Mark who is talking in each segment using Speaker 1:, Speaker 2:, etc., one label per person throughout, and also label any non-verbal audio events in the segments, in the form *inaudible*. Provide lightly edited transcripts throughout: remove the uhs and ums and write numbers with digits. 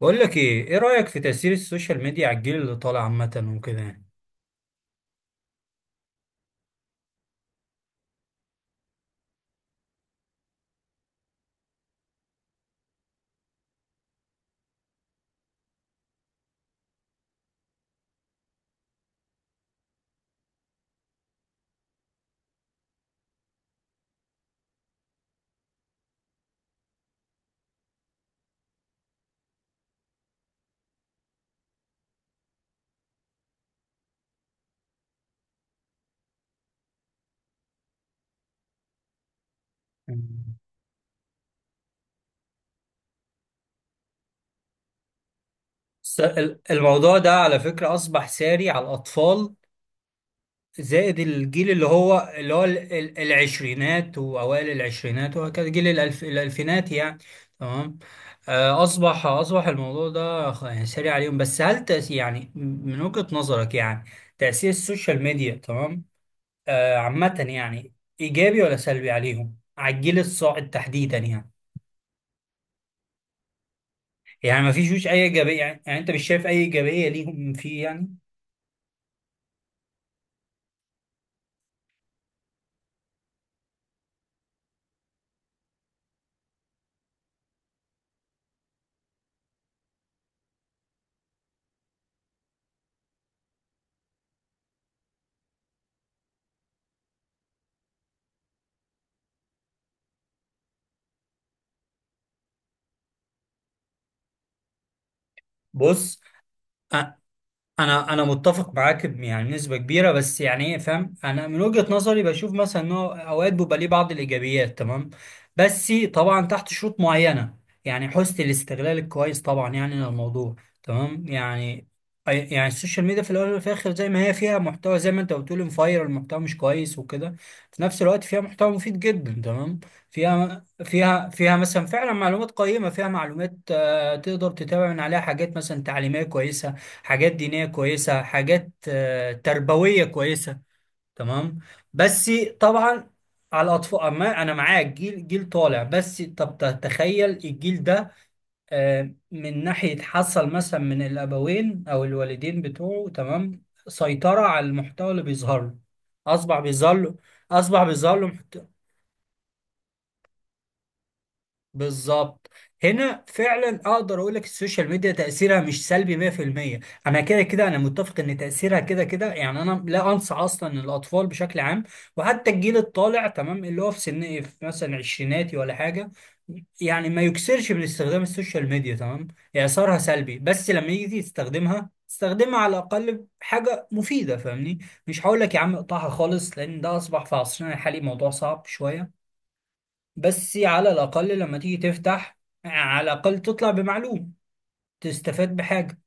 Speaker 1: بقول لك ايه ايه رأيك في تأثير السوشيال ميديا على الجيل اللي طالع عامة وكده يعني؟ مم. الموضوع ده على فكرة أصبح ساري على الأطفال، زائد الجيل اللي هو العشرينات وأوائل العشرينات وهكذا، جيل الألف الألفينات يعني. تمام. آه، أصبح الموضوع ده يعني ساري عليهم، بس هل يعني من وجهة نظرك يعني، تأثير السوشيال ميديا تمام، آه، عامة يعني، إيجابي ولا سلبي عليهم على الجيل الصاعد تحديدا يعني؟ يعني ما فيش اي ايجابيه يعني, يعني انت مش شايف اي ايجابيه ليهم فيه يعني؟ بص، أ- انا متفق معاك يعني بنسبه كبيره، بس يعني ايه، فاهم، انا من وجهه نظري بشوف مثلا ان هو اوقات بيبقى ليه بعض الايجابيات تمام، بس طبعا تحت شروط معينه، يعني حسن الاستغلال الكويس طبعا يعني للموضوع تمام. يعني يعني السوشيال ميديا في الاول وفي الاخر زي ما هي فيها محتوى، زي ما انت بتقول مفاير المحتوى مش كويس وكده، في نفس الوقت فيها محتوى مفيد جدا تمام. فيها مثلا فعلا معلومات قيمه، فيها معلومات آه، تقدر تتابع من عليها حاجات مثلا تعليميه كويسه، حاجات دينية كويسة، حاجات آه، تربوية كويسة. تمام، بس طبعا على الأطفال. أما أنا معاك، جيل جيل طالع، بس طب تخيل الجيل ده آه، من ناحية حصل مثلا من الأبوين أو الوالدين بتوعه تمام سيطرة على المحتوى اللي بيظهر له، أصبح بيظهر له، أصبح بيظهر له. بالظبط. هنا فعلا اقدر اقول لك السوشيال ميديا تاثيرها مش سلبي 100%. انا كده كده انا متفق ان تاثيرها كده كده يعني، انا لا انصح اصلا الاطفال بشكل عام وحتى الجيل الطالع تمام، اللي هو في سن إيه، في مثلا عشريناتي ولا حاجه، يعني ما يكسرش من استخدام السوشيال ميديا تمام. يعني اثرها سلبي، بس لما يجي تستخدمها تستخدمها على الاقل حاجه مفيده، فاهمني؟ مش هقول لك يا عم اقطعها خالص، لان ده اصبح في عصرنا الحالي موضوع صعب شويه، بس على الأقل لما تيجي تفتح، على الأقل تطلع بمعلوم، تستفاد بحاجة.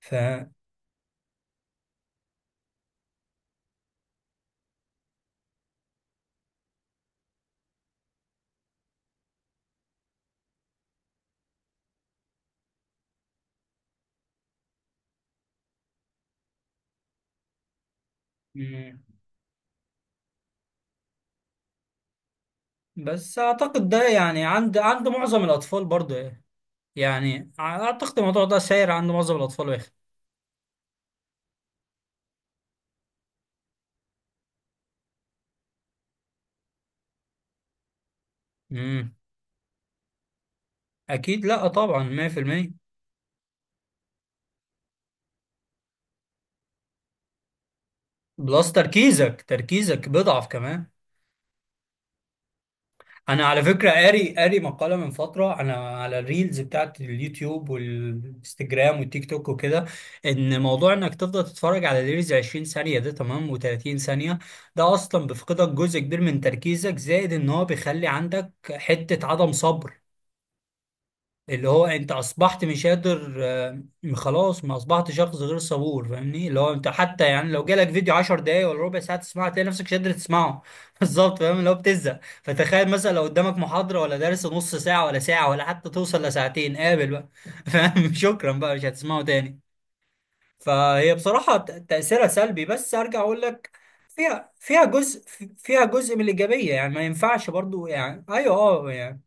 Speaker 1: ف، مم. بس أعتقد ده يعني عند عند معظم الأطفال برضه يعني، يعني أعتقد الموضوع ده ساير عند معظم الأطفال واخد. مم. أكيد لأ طبعا 100%. بلس تركيزك بيضعف كمان. انا على فكره قاري مقاله من فتره انا على الريلز بتاعت اليوتيوب والانستجرام والتيك توك وكده، ان موضوع انك تفضل تتفرج على ريلز 20 ثانيه ده تمام و30 ثانيه، ده اصلا بيفقدك جزء كبير من تركيزك، زائد ان هو بيخلي عندك حته عدم صبر، اللي هو انت اصبحت مش قادر آه، خلاص، ما اصبحت شخص غير صبور، فاهمني؟ اللي هو انت حتى يعني لو جالك فيديو 10 دقايق ولا ربع ساعه تسمعه، تلاقي نفسك مش قادر تسمعه *laughs* بالظبط، فاهم؟ اللي هو بتزهق، فتخيل مثلا لو قدامك محاضره ولا درس نص ساعه ولا ساعه ولا حتى توصل لساعتين، قابل بقى *laughs* فاهم، شكرا بقى، مش هتسمعه تاني. فهي بصراحه تاثيرها سلبي، بس ارجع اقول لك، فيها جزء، فيها جزء من الايجابيه يعني، ما ينفعش برضو يعني ايوه اه يعني.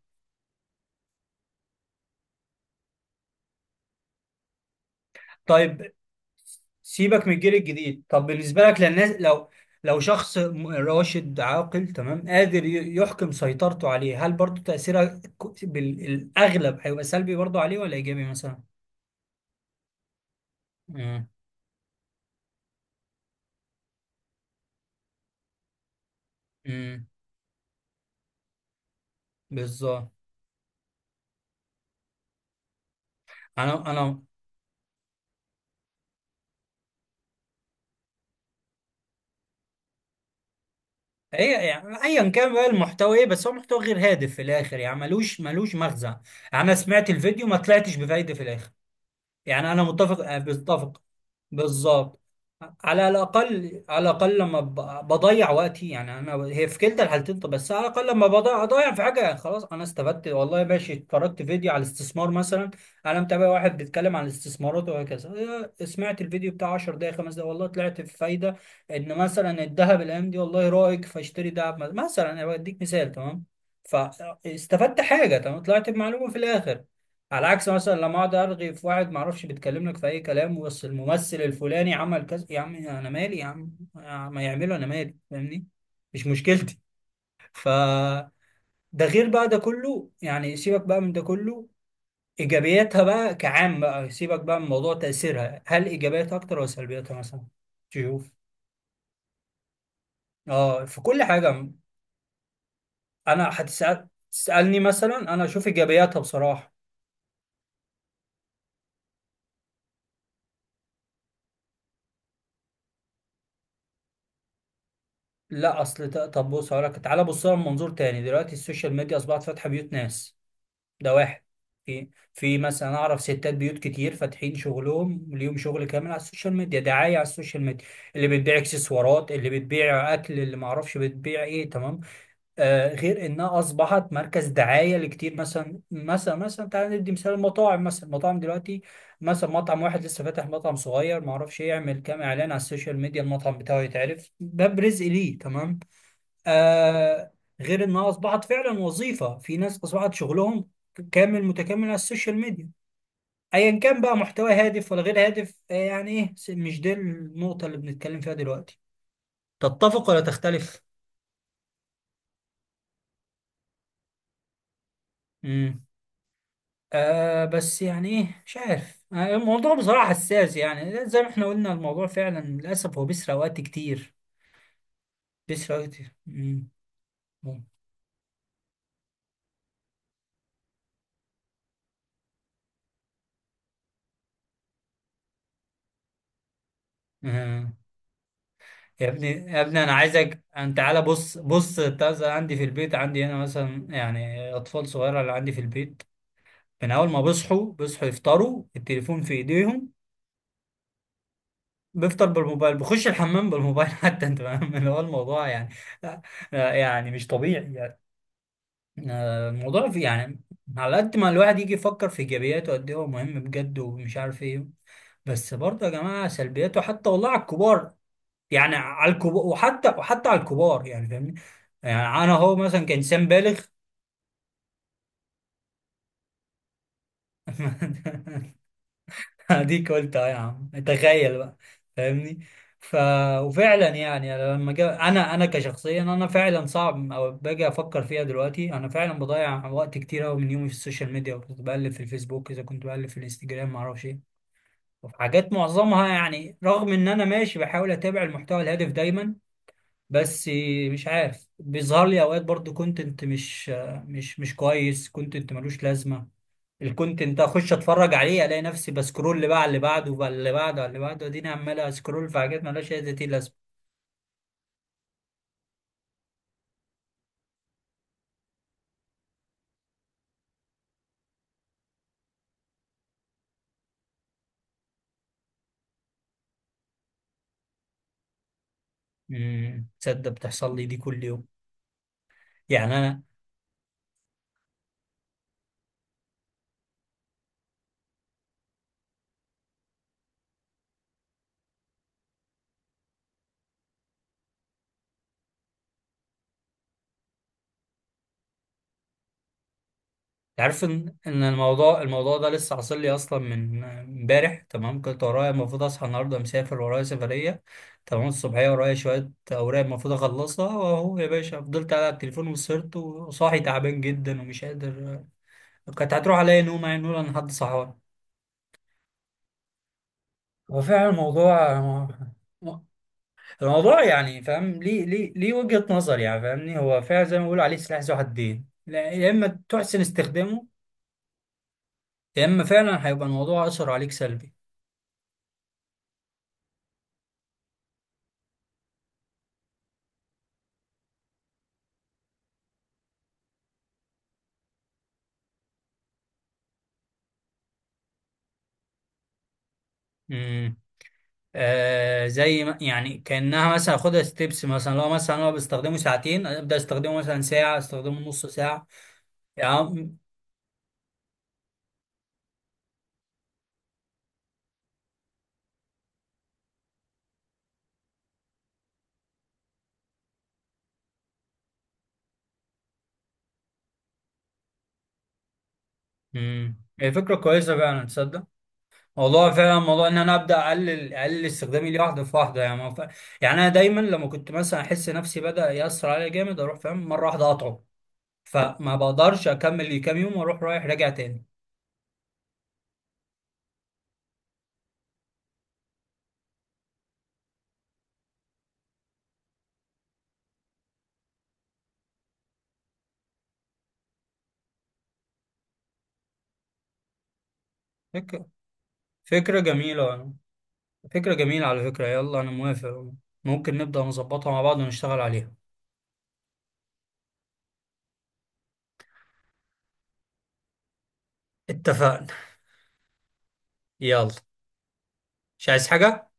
Speaker 1: طيب، سيبك من الجيل الجديد، طب بالنسبه لك للناس، لو لو شخص راشد عاقل تمام، قادر يحكم سيطرته عليه، هل برضه تاثيرها بالاغلب هيبقى سلبي برضه عليه ولا ايجابي مثلا؟ امم امم بالظبط. انا هي يعني ايا كان بقى المحتوى ايه، بس هو محتوى غير هادف في الاخر يعني، ملوش مغزى. انا سمعت الفيديو ما طلعتش بفايده في الاخر، يعني انا متفق أه، متفق. بالظبط، على الاقل، على الاقل لما بضيع وقتي، يعني انا هي في كلتا الحالتين، طب بس على الاقل لما بضيع اضيع في حاجه، يعني خلاص انا استفدت والله، ماشي اتفرجت فيديو على الاستثمار مثلا، انا متابع واحد بيتكلم عن الاستثمارات وهكذا، إيه، سمعت الفيديو بتاع 10 دقائق 5 دقائق والله طلعت في فايده، ان مثلا الذهب الايام دي والله رايق فاشتري ذهب مثلا، انا بديك مثال تمام، فاستفدت حاجه تمام، طلعت بمعلومه في الاخر. على عكس مثلا لما اقعد ارغي في واحد ما اعرفش بيتكلم لك في اي كلام، بس الممثل الفلاني عمل كذا، يا عم انا مالي، يا عم ما يعمله انا مالي فاهمني، مش مشكلتي. ف، ده غير بقى ده كله يعني، سيبك بقى من ده كله، ايجابياتها بقى كعام بقى، سيبك بقى من موضوع تاثيرها، هل ايجابياتها اكتر ولا سلبياتها مثلا؟ تشوف اه في كل حاجه. انا هتسال تسالني مثلا، انا اشوف ايجابياتها بصراحه. لا، اصل طب بص هقول لك، تعالى بص لها من منظور تاني، دلوقتي السوشيال ميديا اصبحت فاتحه بيوت ناس، ده واحد. في في مثلا اعرف ستات بيوت كتير فاتحين شغلهم، ليهم شغل كامل على السوشيال ميديا، دعايه على السوشيال ميديا، اللي بتبيع اكسسوارات، اللي بتبيع اكل، اللي ما اعرفش بتبيع ايه تمام، آه، غير انها اصبحت مركز دعايه لكتير، مثلا مثلا مثلا تعالى ندي مثال المطاعم، مثلا المطاعم دلوقتي مثلا، مطعم واحد لسه فاتح مطعم صغير ما اعرفش يعمل كام اعلان على السوشيال ميديا، المطعم بتاعه يتعرف، باب رزق ليه تمام، آه، غير انها اصبحت فعلا وظيفه، في ناس اصبحت شغلهم كامل متكامل على السوشيال ميديا، ايا كان بقى محتوى هادف ولا غير هادف آه يعني ايه، مش دي النقطه اللي بنتكلم فيها دلوقتي. تتفق ولا تختلف؟ امم. آه، بس يعني ايه مش عارف آه، الموضوع بصراحه حساس يعني، زي ما احنا قلنا الموضوع فعلا للاسف هو بيسرق وقت كتير. بيسرق وقت كتير. مم. مم. آه. يا ابني يا ابني انا عايزك انت، تعالى بص بص، التازة عندي في البيت، عندي هنا مثلا يعني اطفال صغيره اللي عندي في البيت، من اول ما بيصحوا يفطروا، التليفون في ايديهم، بيفطر بالموبايل، بخش الحمام بالموبايل *laughs* حتى، انت فاهم اللي هو الموضوع يعني. لا- لا، يعني مش طبيعي يعني، آه، الموضوع في يعني، على قد ما الواحد يجي يفكر في ايجابياته قد ايه هو مهم بجد ومش عارف ايه، بس برضه يا جماعه سلبياته حتى والله على الكبار، يعني على الكبار، وحتى على الكبار يعني، فاهمني؟ يعني انا هو مثلا كانسان بالغ *laughs* اديك قلت اه يا عم، تخيل بقى، فاهمني. ف، وفعلا يعني أنا انا انا كشخصيا انا فعلا صعب او باجي افكر فيها، دلوقتي انا فعلا بضيع وقت كتير قوي من يومي في السوشيال ميديا، وكنت بقلب في الفيسبوك، اذا كنت بقلب في الانستجرام ما اعرفش ايه، وفي حاجات معظمها يعني، رغم ان انا ماشي بحاول اتابع المحتوى الهادف دايما، بس مش عارف بيظهر لي اوقات برضو كونتنت مش كويس، كونتنت ملوش لازمه، الكونتنت ده اخش اتفرج عليه الاقي نفسي بسكرول اللي بقى على اللي بعده وعلى اللي بعده وعلى اللي بعده، اديني عمال اسكرول في حاجات ملهاش اي ذاتي لازمه. تصدق بتحصل لي دي كل يوم؟ يعني انا عارف ان ان الموضوع ده لسه حاصل لي اصلا من امبارح تمام، كنت ورايا المفروض اصحى النهارده مسافر، ورايا سفريه تمام، الصبحيه ورايا شويه اوراق المفروض اخلصها، واهو يا باشا فضلت قاعد على التليفون وسهرت، وصاحي تعبان جدا ومش قادر، كانت هتروح عليا نوم يعني، نقول انا حد صحوان. هو فعلا الموضوع، الموضوع يعني فاهم، ليه ليه ليه وجهة نظر يعني، فاهمني، هو فعلا زي ما بيقولوا عليه سلاح ذو حدين، لا، يا اما تحسن استخدامه، يا اما فعلا هيبقى الموضوع اثر عليك سلبي. آه، زي ما يعني كأنها مثلا اخدها ستيبس مثلا، لو مثلا انا بستخدمه ساعتين ابدا استخدمه مثلا ساعة، استخدمه نص ساعة يعني. امم، هي فكرة كويسة فعلا، تصدق، موضوع، فعلا موضوع، ان انا ابدا اقلل استخدامي ليه واحدة في واحدة يعني، ما ف... يعني انا دايما لما كنت مثلا احس نفسي بدا يأثر عليا جامد، اروح فاهم مرة واحدة اقطعه، فما بقدرش اكمل لي كام يوم واروح رايح راجع تاني. فكرة فكرة جميلة، فكرة جميلة على فكرة، يلا انا موافق، ممكن نبدأ نظبطها مع بعض ونشتغل عليها. اتفقنا، يلا، مش عايز حاجة.